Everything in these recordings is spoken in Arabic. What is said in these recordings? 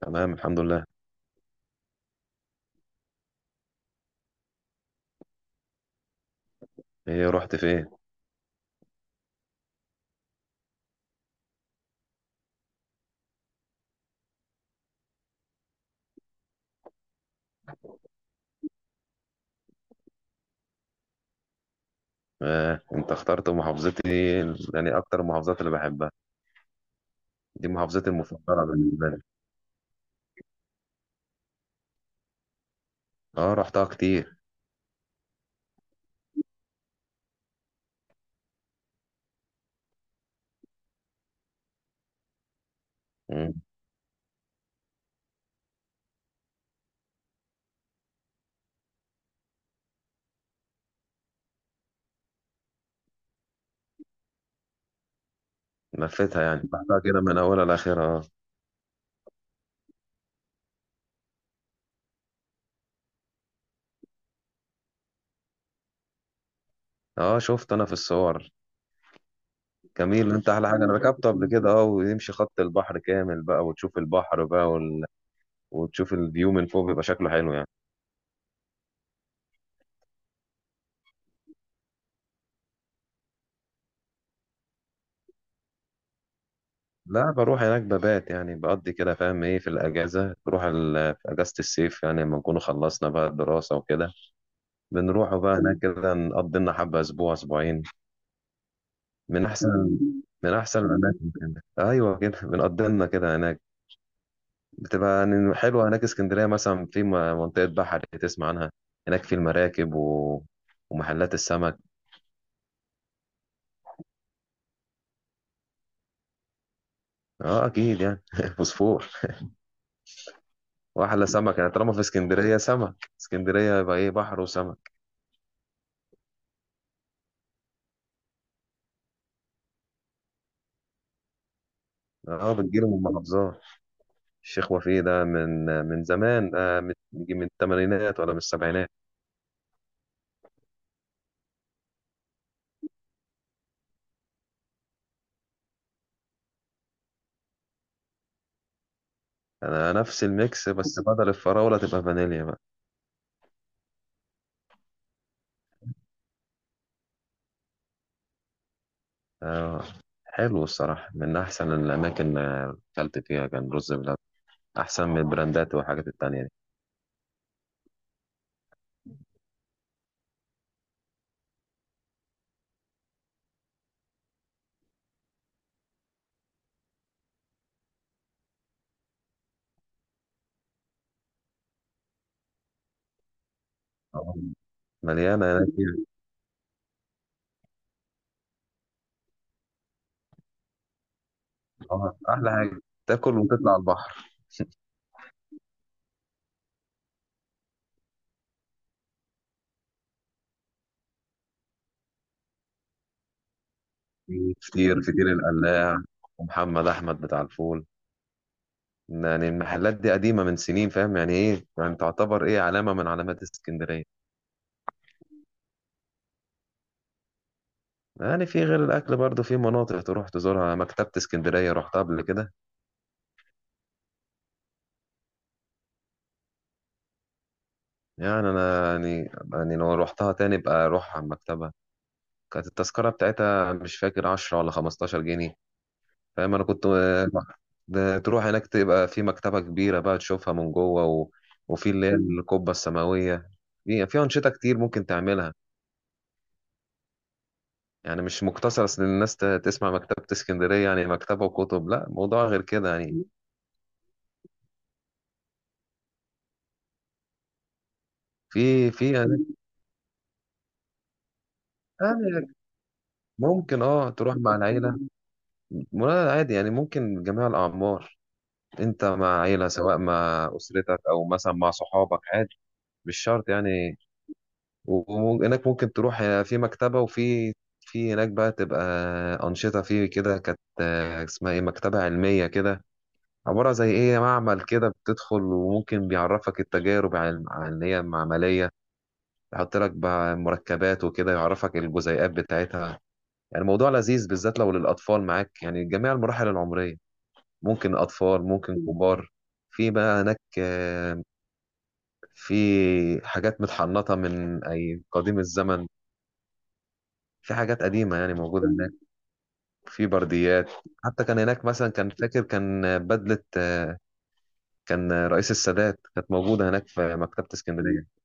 تمام، الحمد لله. ايه، رحت فين؟ آه، انت اخترت محافظتي يعني اكتر المحافظات اللي بحبها. دي محافظتي المفضله بالنسبه لي. اه، رحتها كتير. مم. لفيتها، يعني رحتها كده من اولها لاخرها. اه اه، شفت انا في الصور. جميل. انت احلى حاجه، انا ركبته قبل كده، اه، ويمشي خط البحر كامل بقى، وتشوف البحر بقى وتشوف الفيو من فوق، بيبقى شكله حلو يعني. لا، بروح هناك ببات، يعني بقضي كده، فاهم ايه، في الاجازه، بروح في اجازه الصيف يعني لما نكون خلصنا بقى الدراسه وكده، بنروحوا بقى هناك كده نقضي لنا حبة أسبوع أسبوعين. من أحسن. من أحسن الأماكن كده. أيوة، كده بنقضي لنا كده هناك. بتبقى يعني حلوة هناك اسكندرية، مثلا في منطقة بحر تسمع عنها، هناك في المراكب ومحلات السمك. اه اكيد يعني فوسفور. واحلى سمك يعني، طالما في اسكندريه سمك، اسكندريه يبقى ايه، بحر وسمك. اه، بتجيله من المحافظات. الشيخ وفيه ده من زمان، من الثمانينات ولا من السبعينات. انا نفس الميكس، بس بدل الفراولة تبقى فانيليا بقى. آه. حلو الصراحة، من احسن الاماكن اللي اكلت فيها كان رز بلبن، احسن من البراندات والحاجات التانية دي. آه. مليانة هناك يعني. آه. احلى حاجة تاكل وتطلع البحر. في فطير، فطير القلاع ومحمد احمد بتاع الفول. يعني المحلات دي قديمة من سنين، فاهم يعني ايه، يعني تعتبر ايه، علامة من علامات اسكندرية. يعني في غير الاكل برضو في مناطق تروح تزورها. مكتبة اسكندرية رحتها قبل كده؟ يعني انا، يعني لو روحتها تاني بقى اروح على المكتبه. كانت التذكره بتاعتها مش فاكر 10 ولا 15 جنيه، فاهم، انا كنت. ده تروح هناك تبقى في مكتبه كبيره بقى، تشوفها من جوه وفي اللي هي القبه السماويه. في انشطه كتير ممكن تعملها، يعني مش مقتصر. اصل الناس تسمع مكتبه اسكندريه يعني مكتبه وكتب، لا، موضوع غير كده يعني. في يعني، يعني ممكن، اه، تروح مع العيله ولا عادي، يعني ممكن جميع الاعمار. انت مع عيلة سواء مع أسرتك أو مثلا مع صحابك، عادي، مش شرط يعني. وإنك ممكن تروح في مكتبة، وفي، في هناك بقى تبقى أنشطة فيه كده، كانت اسمها إيه، مكتبة علمية كده، عبارة زي إيه معمل كده، بتدخل وممكن بيعرفك التجارب عن اللي هي معملية، يحط لك بقى مركبات وكده، يعرفك الجزيئات بتاعتها. يعني الموضوع لذيذ، بالذات لو للأطفال معاك، يعني جميع المراحل العمرية، ممكن أطفال ممكن كبار. في بقى هناك، في حاجات متحنطة من أي قديم الزمن، في حاجات قديمة يعني موجودة هناك، في برديات. حتى كان هناك مثلا، كان فاكر، كان بدلة. كان رئيس السادات، كانت موجودة هناك في مكتبة اسكندرية.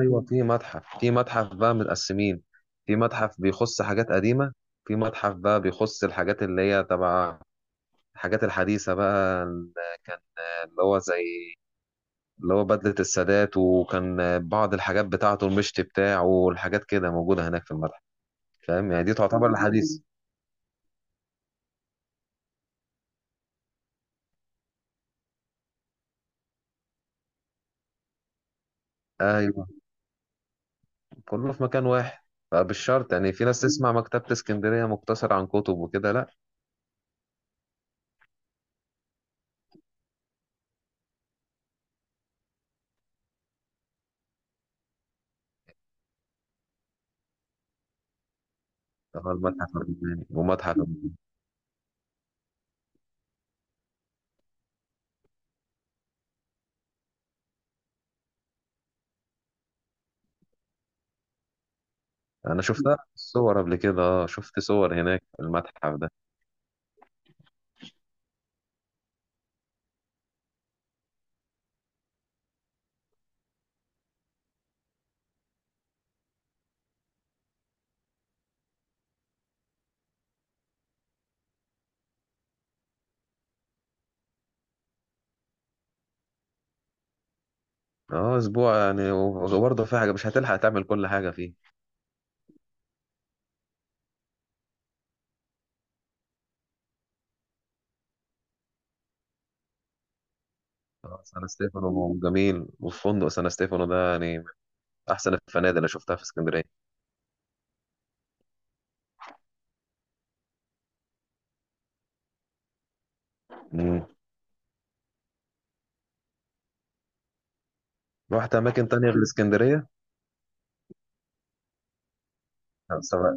أيوة، في متحف، في متحف بقى متقسمين. في متحف بيخص حاجات قديمة، في متحف بقى بيخص الحاجات اللي هي تبع الحاجات الحديثة بقى، اللي كان، اللي هو زي، اللي هو بدلة السادات، وكان بعض الحاجات بتاعته، المشط بتاعه والحاجات كده موجودة هناك في المتحف. فاهم يعني، دي تعتبر الحديث. ايوه، كله في مكان واحد. فبالشرط يعني، في ناس تسمع مكتبة اسكندرية مقتصر عن كتب وكده، لا. ده هو المتحف الروماني ومتحف الروماني. انا شفتها في الصور قبل كده، اه شفت صور هناك في المتحف ده. اه اسبوع يعني، وبرضه في حاجة مش هتلحق تعمل كل حاجة فيه. اه، سان ستيفانو جميل، وفندق سان ستيفانو ده يعني من احسن الفنادق اللي شفتها في اسكندرية. مم. رحت اماكن تانية غير اسكندرية؟ لا، سواء،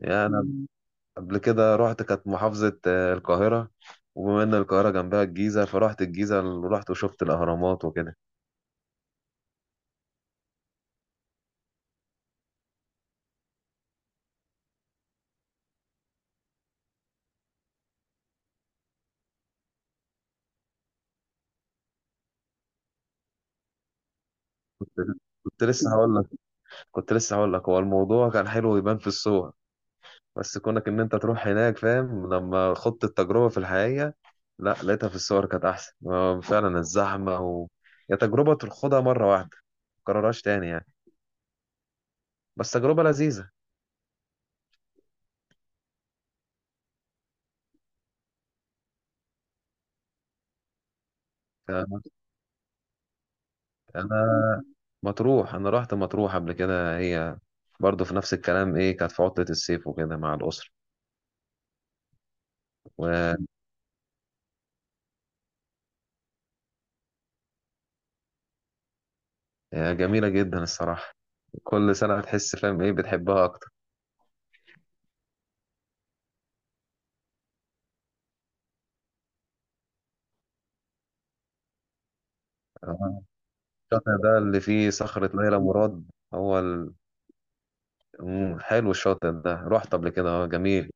يعني انا قبل كده رحت، كانت محافظة آه، القاهرة، وبما ان القاهرة جنبها الجيزة، فرحت الجيزة ورحت وشفت الاهرامات وكده. كنت لسه هقول لك كنت لسه هقول لك، هو الموضوع كان حلو يبان في الصور، بس كونك ان انت تروح هناك، فاهم، لما خضت التجربة في الحقيقة، لا، لقيتها في الصور كانت احسن. فعلا الزحمة يا تجربة تخوضها مرة واحدة، متكررهاش تاني يعني، بس تجربة لذيذة. انا مطروح، انا رحت مطروح قبل كده، هي برضه في نفس الكلام، ايه، كانت في عطلة الصيف وكده مع الأسرة. وجميلة جدا الصراحة، كل سنة تحس، فاهم ايه، بتحبها أكتر. آه، الشاطئ ده اللي فيه صخرة ليلى مراد. هو ال... مم، حلو الشاطئ ده، رحت قبل كده، اه جميل.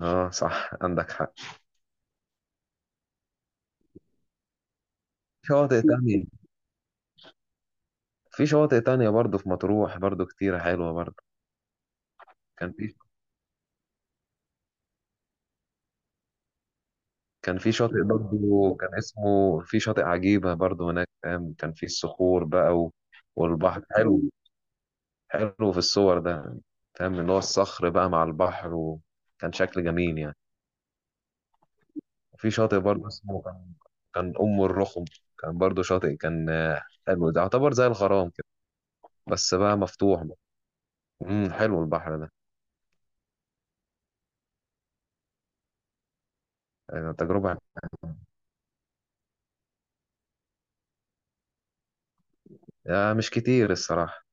اه صح، عندك حق. في شواطئ تانية. في شواطئ تانية برضه في مطروح، برضه كتيرة حلوة برضه. كان في كان في شاطئ برضه كان اسمه، في شاطئ عجيبة برضه هناك، فاهم، كان في الصخور بقى والبحر حلو، حلو في الصور ده، فاهم اللي هو الصخر بقى مع البحر، وكان شكل جميل يعني. وفي شاطئ برضه اسمه كان، كان أم الرخم، كان برضه شاطئ، كان حلو، ده يعتبر زي الغرام كده بس بقى مفتوح بقى. حلو البحر ده. آه، تجربة. آه، مش كتير الصراحة.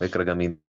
فكرة جميلة.